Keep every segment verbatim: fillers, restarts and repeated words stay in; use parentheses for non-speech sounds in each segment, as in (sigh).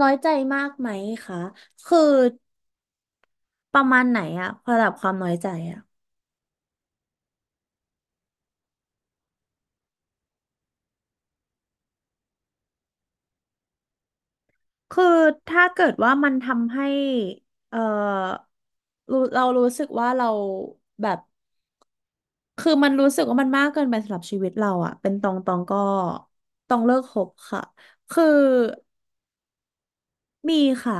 น้อยใจมากไหมคะ คือประมาณไหนอะระดับความน้อยใจอะคือถ้าเกิดว่ามันทำให้ เอ่อรู้เรารู้สึกว่าเราแบบ คือมันรู้สึกว่ามันมากเกินไปสำหรับชีวิตเราอะเป็นตองตองก็ตองเลิกคบค่ะ คือ มีค่ะ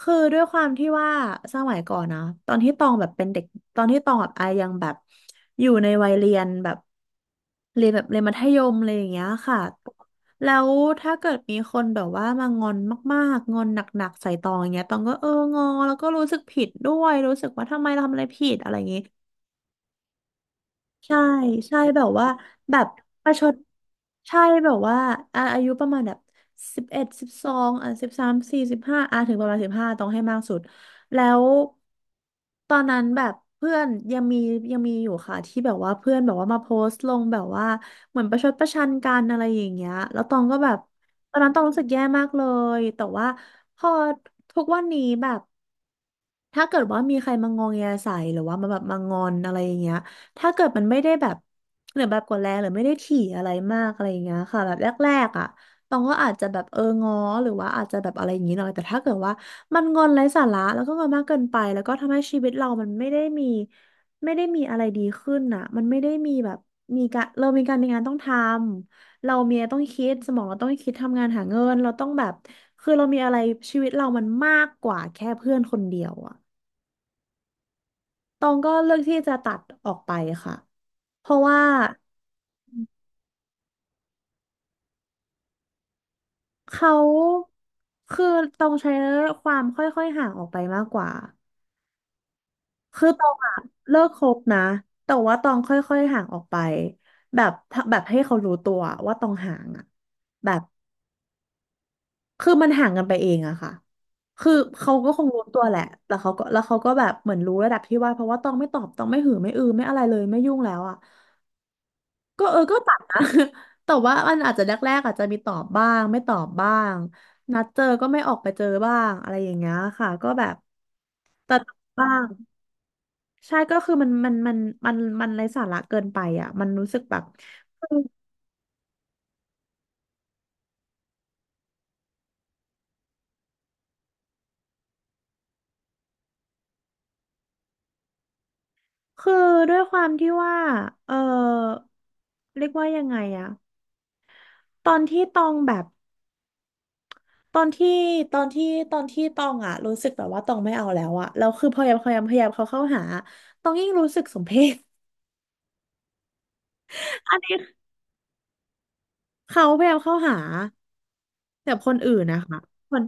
คือด้วยความที่ว่าสมัยก่อนนะตอนที่ตองแบบเป็นเด็กตอนที่ตองแบบอายังแบบอยู่ในวัยเรียนแบบเรียนแบบเรียนมัธยมอะไรอย่างเงี้ยค่ะแล้วถ้าเกิดมีคนแบบว่ามางอนมากๆงอนหนักๆใส่ตองอย่างเงี้ยตองก็เอองอแล้วก็รู้สึกผิดด้วยรู้สึกว่าทำไมเราทำอะไรผิดอะไรอย่างงี้ ใช่ใช่แบบว่าแบบประชดใช่แบบว่าอ่อายุประมาณแบบสิบเอ็ดสิบสองอ่ะสิบสามสี่สิบห้าอ่ะถึงประมาณสิบห้าต้องให้มากสุดแล้วตอนนั้นแบบเพื่อนยังมียังมีอยู่ค่ะที่แบบว่าเพื่อนแบบว่ามาโพสต์ลงแบบว่าเหมือนประชดประชันกันอะไรอย่างเงี้ยแล้วตองก็แบบตอนนั้นต้องรู้สึกแย่มากเลยแต่ว่าพอทุกวันนี้แบบ ถ้าเกิดว่ามีใครมางองแงใส่หรือว่ามาแบบมางอนอะไรอย่างเงี้ยถ้าเกิดมันไม่ได้แบบหรือแบบกดแรงหรือไม่ได้ถี่อะไรมากอะไรอย่างเงี้ยค่ะแบบแรกๆอ่ะตองก็อาจจะแบบเออง้อหรือว่าอาจจะแบบอะไรอย่างงี้หน่อยแต่ถ้าเกิดว่ามันงอนไร้สาระแล้วก็งอนมากเกินไปแล้วก็ทำให้ชีวิตเรามันไม่ได้มีไม่ได้มีอะไรดีขึ้นอ่ะมันไม่ได้มีแบบมีการเรามีการมีงานต้องทำเรามีอะไรต้องคิดสมองเราต้องคิดทำงานหาเงินเราต้องแบบคือเรามีอะไรชีวิตเรามันมากกว่าแค่เพื่อนคนเดียวอ่ะ ตองก็เลือกที่จะตัดออกไปค่ะ เพราะว่าเขาคือตองใช้ความค่อยๆห่างออกไปมากกว่า คือตองอะเลิกคบนะ แต่ว่าตองค่อยๆห่างออกไปแบบแบบให้เขารู้ตัวว่าตองห่างอะแบบคือมันห่างกันไปเองอะค่ะ คือเขาก็คงรู้ตัวแหละแต่เขาก็แล้วเขาก็แบบเหมือนรู้ระดับที่ว่าเพราะว่าตองไม่ตอบตองไม่หือไม่อือไม่อะไรเลยไม่ยุ่งแล้วอะ ก็เออก็ตัดนะ (laughs) แต่ว่ามันอาจจะแรกๆอาจจะมีตอบบ้างไม่ตอบบ้างนัดเจอก็ไม่ออกไปเจอบ้างอะไรอย่างเงี้ยค่ะก็แบบตัดบบ้างใช่ก็คือมันมันมันมันมันไร้สาระเกินไปอ่ะมันรู้สึกแบบคือคือด้วยความที่ว่าเออเรียกว่ายังไงอะตอนที่ตองแบบตอนที่ตอนที่ตอนที่ตองอะรู้สึกแบบว่าตองไม่เอาแล้วอะแล้วคือพยายามพยายามพยายามเขาเข้าหาตองยิ่งรู้สึกสมเพช (laughs) อันนี้ เขาพยายามเข้าหาแต่คนอื่นนะคะคน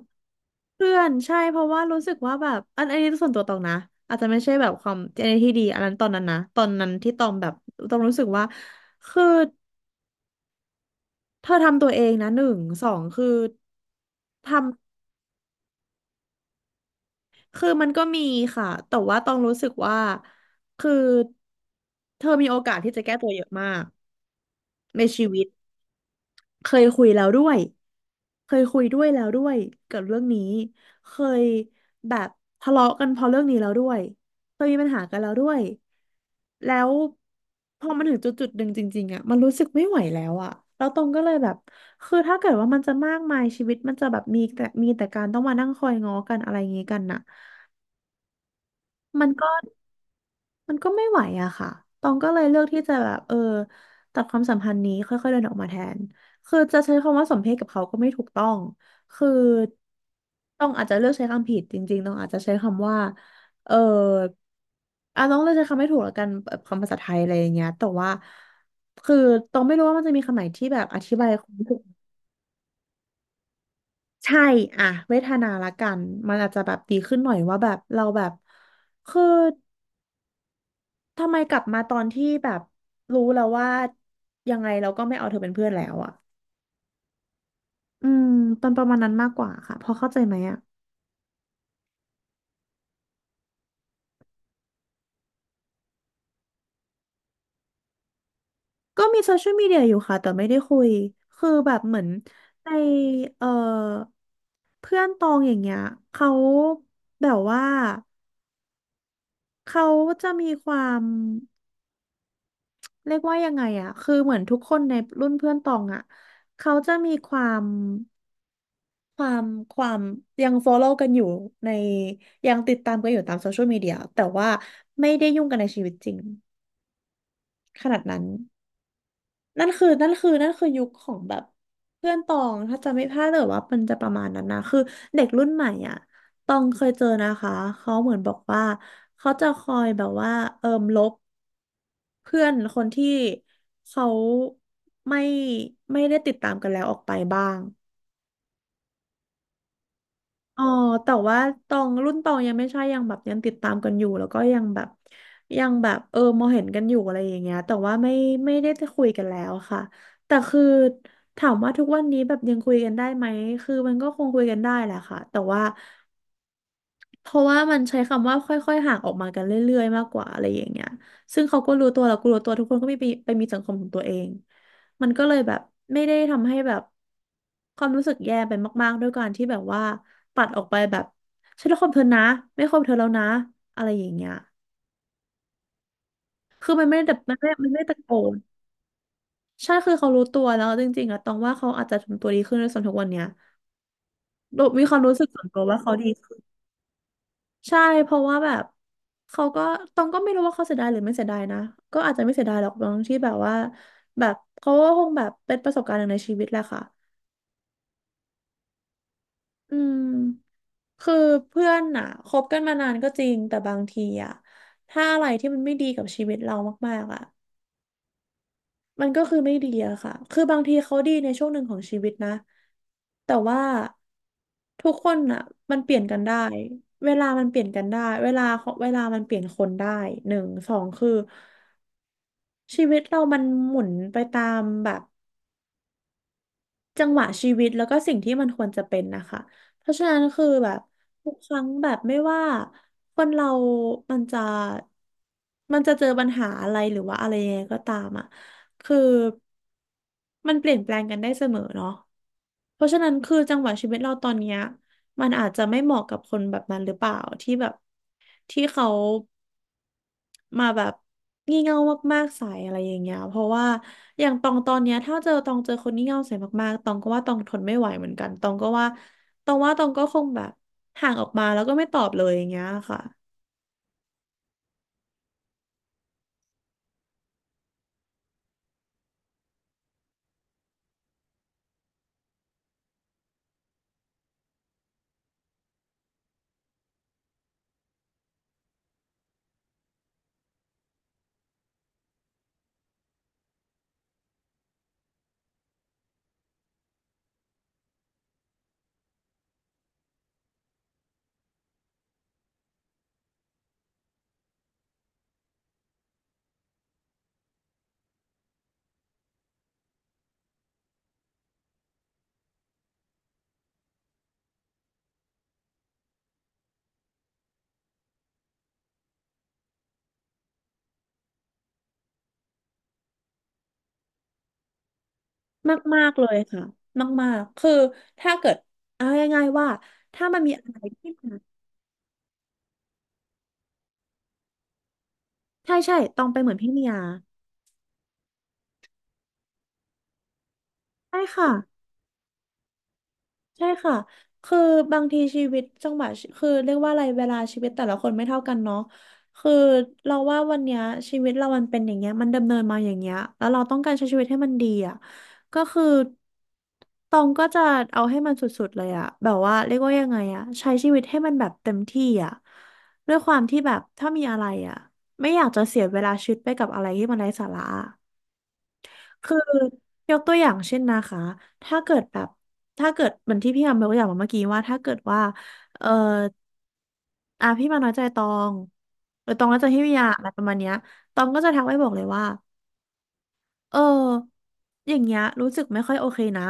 เพื่อนใช่เพราะว่ารู้สึกว่าแบบอันอันนี้ส่วนตัวตองนะอาจจะไม่ใช่แบบความอันนี้ที่ดีอันนั้นตอนนั้นนะตอนนั้นที่ตองแบบตองรู้สึกว่าคือเธอทำตัวเองนะหนึ่งสองคือทำคือมันก็มีค่ะแต่ว่าตองรู้สึกว่าคือเธอมีโอกาสที่จะแก้ตัวเยอะมากในชีวิตเคยคุยแล้วด้วย เคยคุยด้วยแล้วด้วยเกกับเรื่องนี้เคยแบบทะเลาะกันเพราะเรื่องนี้แล้วด้วยเคยมีปัญหากันแล้วด้วยแล้วพอมันถึงจุดจุดหนึ่งจริงๆอะมันรู้สึกไม่ไหวแล้วอะแล้วตรงก็เลยแบบคือถ้าเกิดว่ามันจะมากมายชีวิตมันจะแบบมีแต่มีแต่การต้องมานั่งคอยง้อกันอะไรอย่างงี้กันน่ะมันก็ มันก็ไม่ไหวอะค่ะตองก็เลยเลือกที่จะแบบเออตัดความสัมพันธ์นี้ค่อยๆเดินออกมาแทนคือจะใช้คำว่าสมเพศกับเขาก็ไม่ถูกต้อง คือต้องอาจจะเลือกใช้คำผิดจริงๆต้องอาจจะใช้คำว่าเอออ่ะต้องเลือกใช้คำไม่ถูกแล้วกันแบบคำภาษาไทยอะไรอย่างเงี้ยแต่ว่าคือต้องไม่รู้ว่ามันจะมีคำไหนที่แบบอธิบายความรู้สึกใช่อะเวทนาละกันมันอาจจะแบบดีขึ้นหน่อยว่าแบบเราแบบคือ ทำไมกลับมาตอนที่แบบรู้แล้วว่ายังไงเราก็ไม่เอาเธอเป็นเพื่อนแล้วอ่ะอืมเป็นประมาณนั้นมากกว่าค่ะพอเข้าใจไหมอ่ะก็มีโซเชียลมีเดียอยู่ค่ะแต่ไม่ได้คุยคือแบบเหมือนในเอ่อเพื่อนตองอย่างเงี้ยเขาแบบว่าเขาจะมีความเรียกว่ายังไงอ่ะคือเหมือนทุกคนในรุ่นเพื่อนตองอ่ะเขาจะมีความ ความความยัง ฟอลโลว์ กันอยู่ในยังติดตามกันอยู่ตามโซเชียลมีเดียแต่ว่าไม่ได้ยุ่งกันในชีวิตจริงขนาดนั้นนั่นคือนั่นคือนั่นคือยุคของแบบเพื่อนตองถ้าจะไม่พลาดแต่ว่ามันจะประมาณนั้นนะคือเด็กรุ่นใหม่อ่ะตองเคยเจอนะคะเขาเหมือนบอกว่าเขาจะคอยแบบว่าเอิมลบเพื่อนคนที่เขาไม่ไม่ได้ติดตามกันแล้วออกไปบ้าง อ๋อแต่ว่าตองรุ่นตองยังไม่ใช่ยังแบบยังติดตามกันอยู่แล้วก็ยังแบบยังแบบเออมองเห็นกันอยู่อะไรอย่างเงี้ยแต่ว่าไม่ไม่ได้จะคุยกันแล้วค่ะแต่คือถามว่าทุกวันนี้แบบยังคุยกันได้ไหมคือมันก็คงคุยกันได้แหละค่ะแต่ว่า เพราะว่ามันใช้คำว่าค่อยๆห่างออกมากันเรื่อยๆมากกว่าอะไรอย่างเงี้ยซึ่งเขาก็รู้ตัวเราก็รู้ตัวทุกคนก็มีไปไปมีสังคมของตัวเองมันก็เลยแบบไม่ได้ทำให้แบบความรู้สึกแย่ไปมากๆด้วยการที่แบบว่าปัดออกไปแบบฉันรักความเธอนะไม่คบเธอแล้วนะอะไรอย่างเงี้ย คือมันไม่ได้แบบมันไม่มันไม่ได้ตะโกนใช่คือเขารู้ตัวแล้วจริงๆอะตองว่าเขาอาจจะทำตัวดีขึ้นในส่วนทุกวันเนี้ยโดยมีความรู้สึกส่วนตัวว่าเขาดี ใช่เพราะว่าแบบเขาก็ตองก็ไม่รู้ว่าเขาเสียดายหรือไม่เสียดายนะก็อาจจะไม่เสียดายหรอกตางที่แบบว่าแบบเขาก็คงแบบเป็นประสบการณ์หนึ่งในชีวิตแหละค่ะอืมคือเพื่อนอ่ะคบกันมานานก็จริงแต่บางทีอ่ะถ้าอะไรที่มันไม่ดีกับชีวิตเรามากๆอ่ะ มันก็คือไม่ดีอะค่ะ คือบางทีเขาดีในช่วงหนึ่งของชีวิตนะ แต่ว่าทุกคนอะมันเปลี่ยนกันได้ เวลามันเปลี่ยนกันได้ เวลาเวลามันเปลี่ยนคนได้ หนึ่ง สองคือชีวิตเรามันหมุนไปตามแบบ จังหวะชีวิตแล้วก็สิ่งที่มันควรจะเป็นนะคะเพราะฉะนั้นคือแบบทุกครั้งแบบไม่ว่าคนเรามันจะมันจะเจอปัญหาอะไรหรือว่าอะไรยังไงก็ตามอ่ะคือมันเปลี่ยนแปลงกันได้เสมอเนาะเพราะฉะนั้นคือจังหวะชีวิตเราตอนเนี้ยมันอาจจะไม่เหมาะกับคนแบบนั้นหรือเปล่าที่แบบที่เขา มาแบบงี่เง่ามากๆใส่อะไรอย่างเงี้ยเพราะว่าอย่างตองตอนเนี้ยถ้าเจอตองเจอคนงี่เง่าใส่มากๆตองก็ว่าตองทนไม่ไหวเหมือนกันตองก็ว่าตองว่าตองก็คงแบบห่างออกมาแล้วก็ไม่ตอบเลยอย่างเงี้ยค่ะมากๆเลยค่ะมากๆคือถ้าเกิดเอาง่ายๆว่าถ้ามันมีอะไรที่มันใช่ใช่ตองไปนเหมือนพี่เมียใช่ค่ะ ใช่ค่ะ คือบางทีชีวิตจังหวะชีคือเรียกว่าอะไรเวลาชีวิตแต่ละคนไม่เท่ากันเนาะคือเราว่าวันเนี้ยชีวิตเรามันเป็นอย่างเงี้ยมันดำเนินมาอย่างเงี้ยแล้วเราต้องการใช้ชีวิตให้มันดีอ่ะก็คือตองก็จะเอาให้มันสุดๆเลยอ่ะ แบบว่าเรียกว่ายังไงอ่ะใช้ชีวิตให้มันแบบเต็มที่อ่ะด้วยความที่แบบถ้ามีอะไรอ่ะไม่อยากจะเสียเวลาชีวิตไปกับอะไรที่มันไร้สาระ คือยกตัวอย่างเช่นนะคะถ้าเกิดแบบถ้าเกิดเหมือนที่พี่อายกตัวอย่างมาเมื่อกี้ว่าถ้าเกิดว่าเอออ่ะพี่มาน้อยใจตองหรือตองน้อยใจพี่วิยาอะไรประมาณเนี้ยตองก็จะทักไปบอกเลยว่าเอออย่างเงี้ยรู้สึกไม่ค่อยโอเคนะ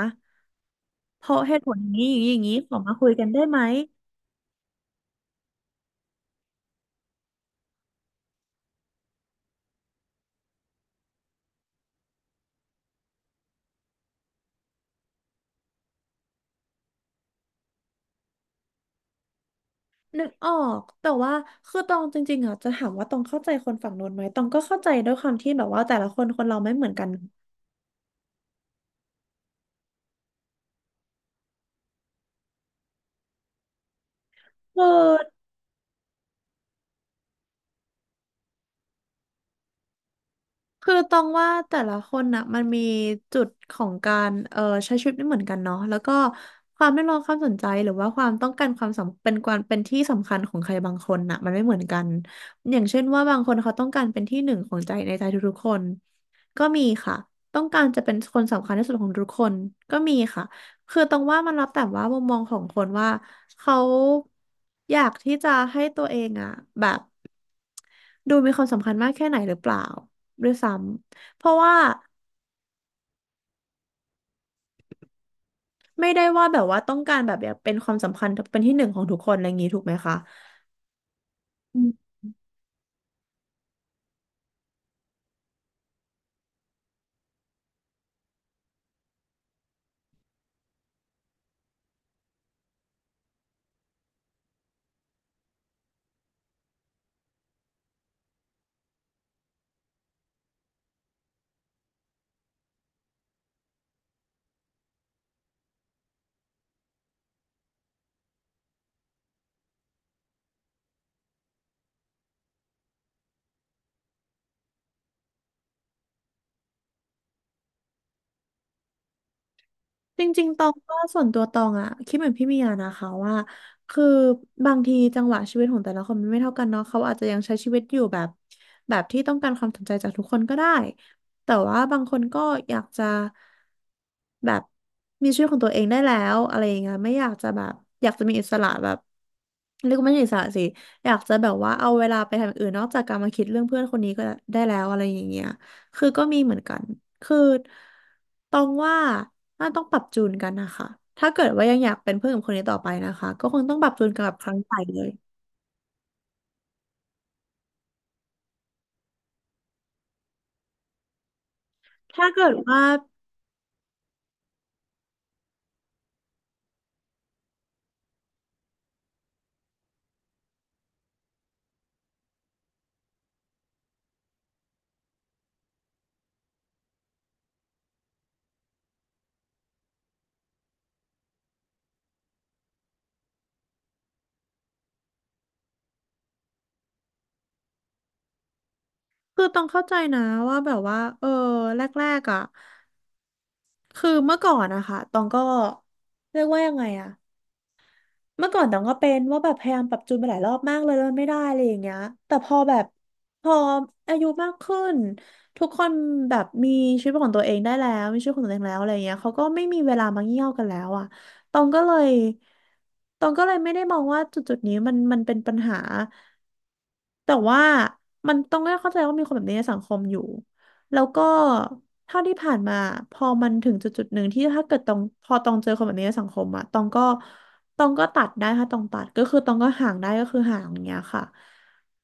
เพราะเหตุผลอย่างนี้อย่างนี้อย่างนี้ขอมาคุยกันได้ไหมนึกออกแต่ว่าคือตองจริงๆอ่ะจะถามว่าตองเข้าใจคนฝั่งโน้นไหมตองก็เข้าใจด้วยความที่แบบว่าแต่ละคนคนเราไม่เหมือนกันเออ คือตองว่าแต่ละคนน่ะมันมีจุดของการเอ่อใช้ชีวิตไม่เหมือนกันเนาะแล้วก็ความเรียกร้องความสนใจหรือว่าความต้องการความสำเป็นความเป็นที่สำคัญของใครบางคนน่ะมันไม่เหมือนกันอย่างเช่นว่าบางคนเขาต้องการเป็นที่หนึ่งของใจในใจทุกๆคนก็มีค่ะต้องการจะเป็นคนสำคัญที่สุดของทุกคนก็มีค่ะคือตรงว่ามันแล้วแต่ว่ามุมมองของคนว่าเขาอยากที่จะให้ตัวเองอ่ะแบบดูมีความสำคัญมากแค่ไหนหรือเปล่า ด้วยซ้ำเพราะว่าไม่ได้ว่าแบบว่าต้องการแบบอยากเป็นความสำคัญเป็นที่หนึ่งของทุกคนอะไรอย่างนี้ถูกไหมคะอืมจริงๆตองก็ส่วนตัวตองอะคิดเหมือนพี่เมียนะคะว่าคือบางทีจังหวะชีวิตของแต่ละคนมันไม่เท่ากันเนาะเขาอาจจะยังใช้ชีวิตอยู่แบบแบบที่ต้องการความสนใจจากทุกคนก็ได้แต่ว่าบางคนก็อยากจะ แบบมีชีวิตของตัวเองได้แล้วอะไรอย่างเงี้ยไม่อยากจะแบบอยากจะมีอิสระแบบเรียกว่าไม่ใช่อิสระสิอยากจะแบบว่าเอาเวลาไปทำอย่างอื่นนอกจากการมาคิดเรื่องเพื่อนคนนี้ก็ได้แล้วอะไรอย่างเงี้ยคือก็มีเหมือนกันคือตองว่าน่าต้องปรับจูนกันนะคะถ้าเกิดว่ายังอยากเป็นเพื่อนกับคนนี้ต่อไปนะคะก็คงต้องปรับจูนกันแบบครั้งใหม่เลยถ้าเกิดว่าคือต้องเข้าใจนะว่าแบบว่าเออแรกๆอ่ะคือเมื่อก่อนนะคะตองก็เรียกว่ายังไงอะ เมื่อก่อนต้องก็เป็นว่าแบบพยายามปรับจูนไปหลายรอบมากเลยแล้วมันไม่ได้อะไรอย่างเงี้ยแต่พอแบบพออายุมากขึ้นทุกคนแบบมีชีวิตของตัวเองได้แล้วมีชีวิตของตัวเองแล้วอะไรอย่างเงี้ยเขาก็ไม่มีเวลามาเงี่ยวกันแล้วอ่ะตองก็เลยตองก็เลยไม่ได้มองว่าจุดจุดนี้มันมันเป็นปัญหาแต่ว่ามันต้องก็เข้าใจว่ามีคนแบบนี้ในสังคมอยู่แล้วก็เท่าที่ผ่านมาพอมันถึงจุดจุดหนึ่งที่ถ้าเกิดตองพอตองเจอคนแบบนี้ในสังคมอะตองก็ ตองก็ตัดได้ค่ะตองตัดก็คือตองก็ห่างได้ก็คือห่างอย่างเงี้ยค่ะ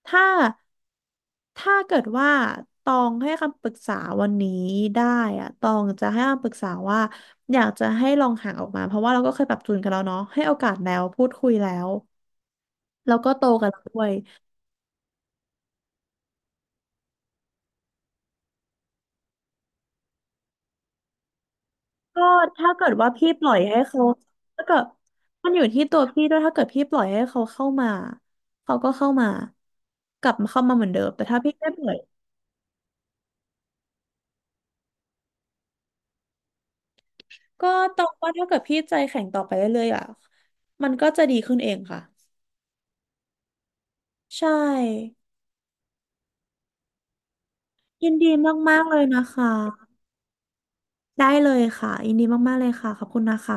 ถ้าถ้าเกิดว่าตองให้คำปรึกษาวันนี้ได้อะตองจะให้คำปรึกษาว่าอยากจะให้ลองห่างออกมาเพราะว่าเราก็เคยปรับจูนกันแล้วเนาะให้โอกาสแล้วพูดคุยแล้วแล้วก็โตกันแล้วด้วยก็ถ้าเกิดว่าพี่ปล่อยให้เขาถ้าเกิดมันอยู่ที่ตัวพี่ด้วยถ้าเกิดพี่ปล่อยให้เขาเข้ามาเขาก็เข้ามากลับมาเข้ามาเหมือนเดิมแต่ถ้าพี่ไม่ปล่อย ก็ตองว่าถ้าเกิดพี่ใจแข็งต่อไปเรื่อยๆอ่ะมันก็จะดีขึ้นเองค่ะใช่ยินดีมากๆเลยนะคะได้เลยค่ะยินดีมากๆเลยค่ะขอบคุณนะคะ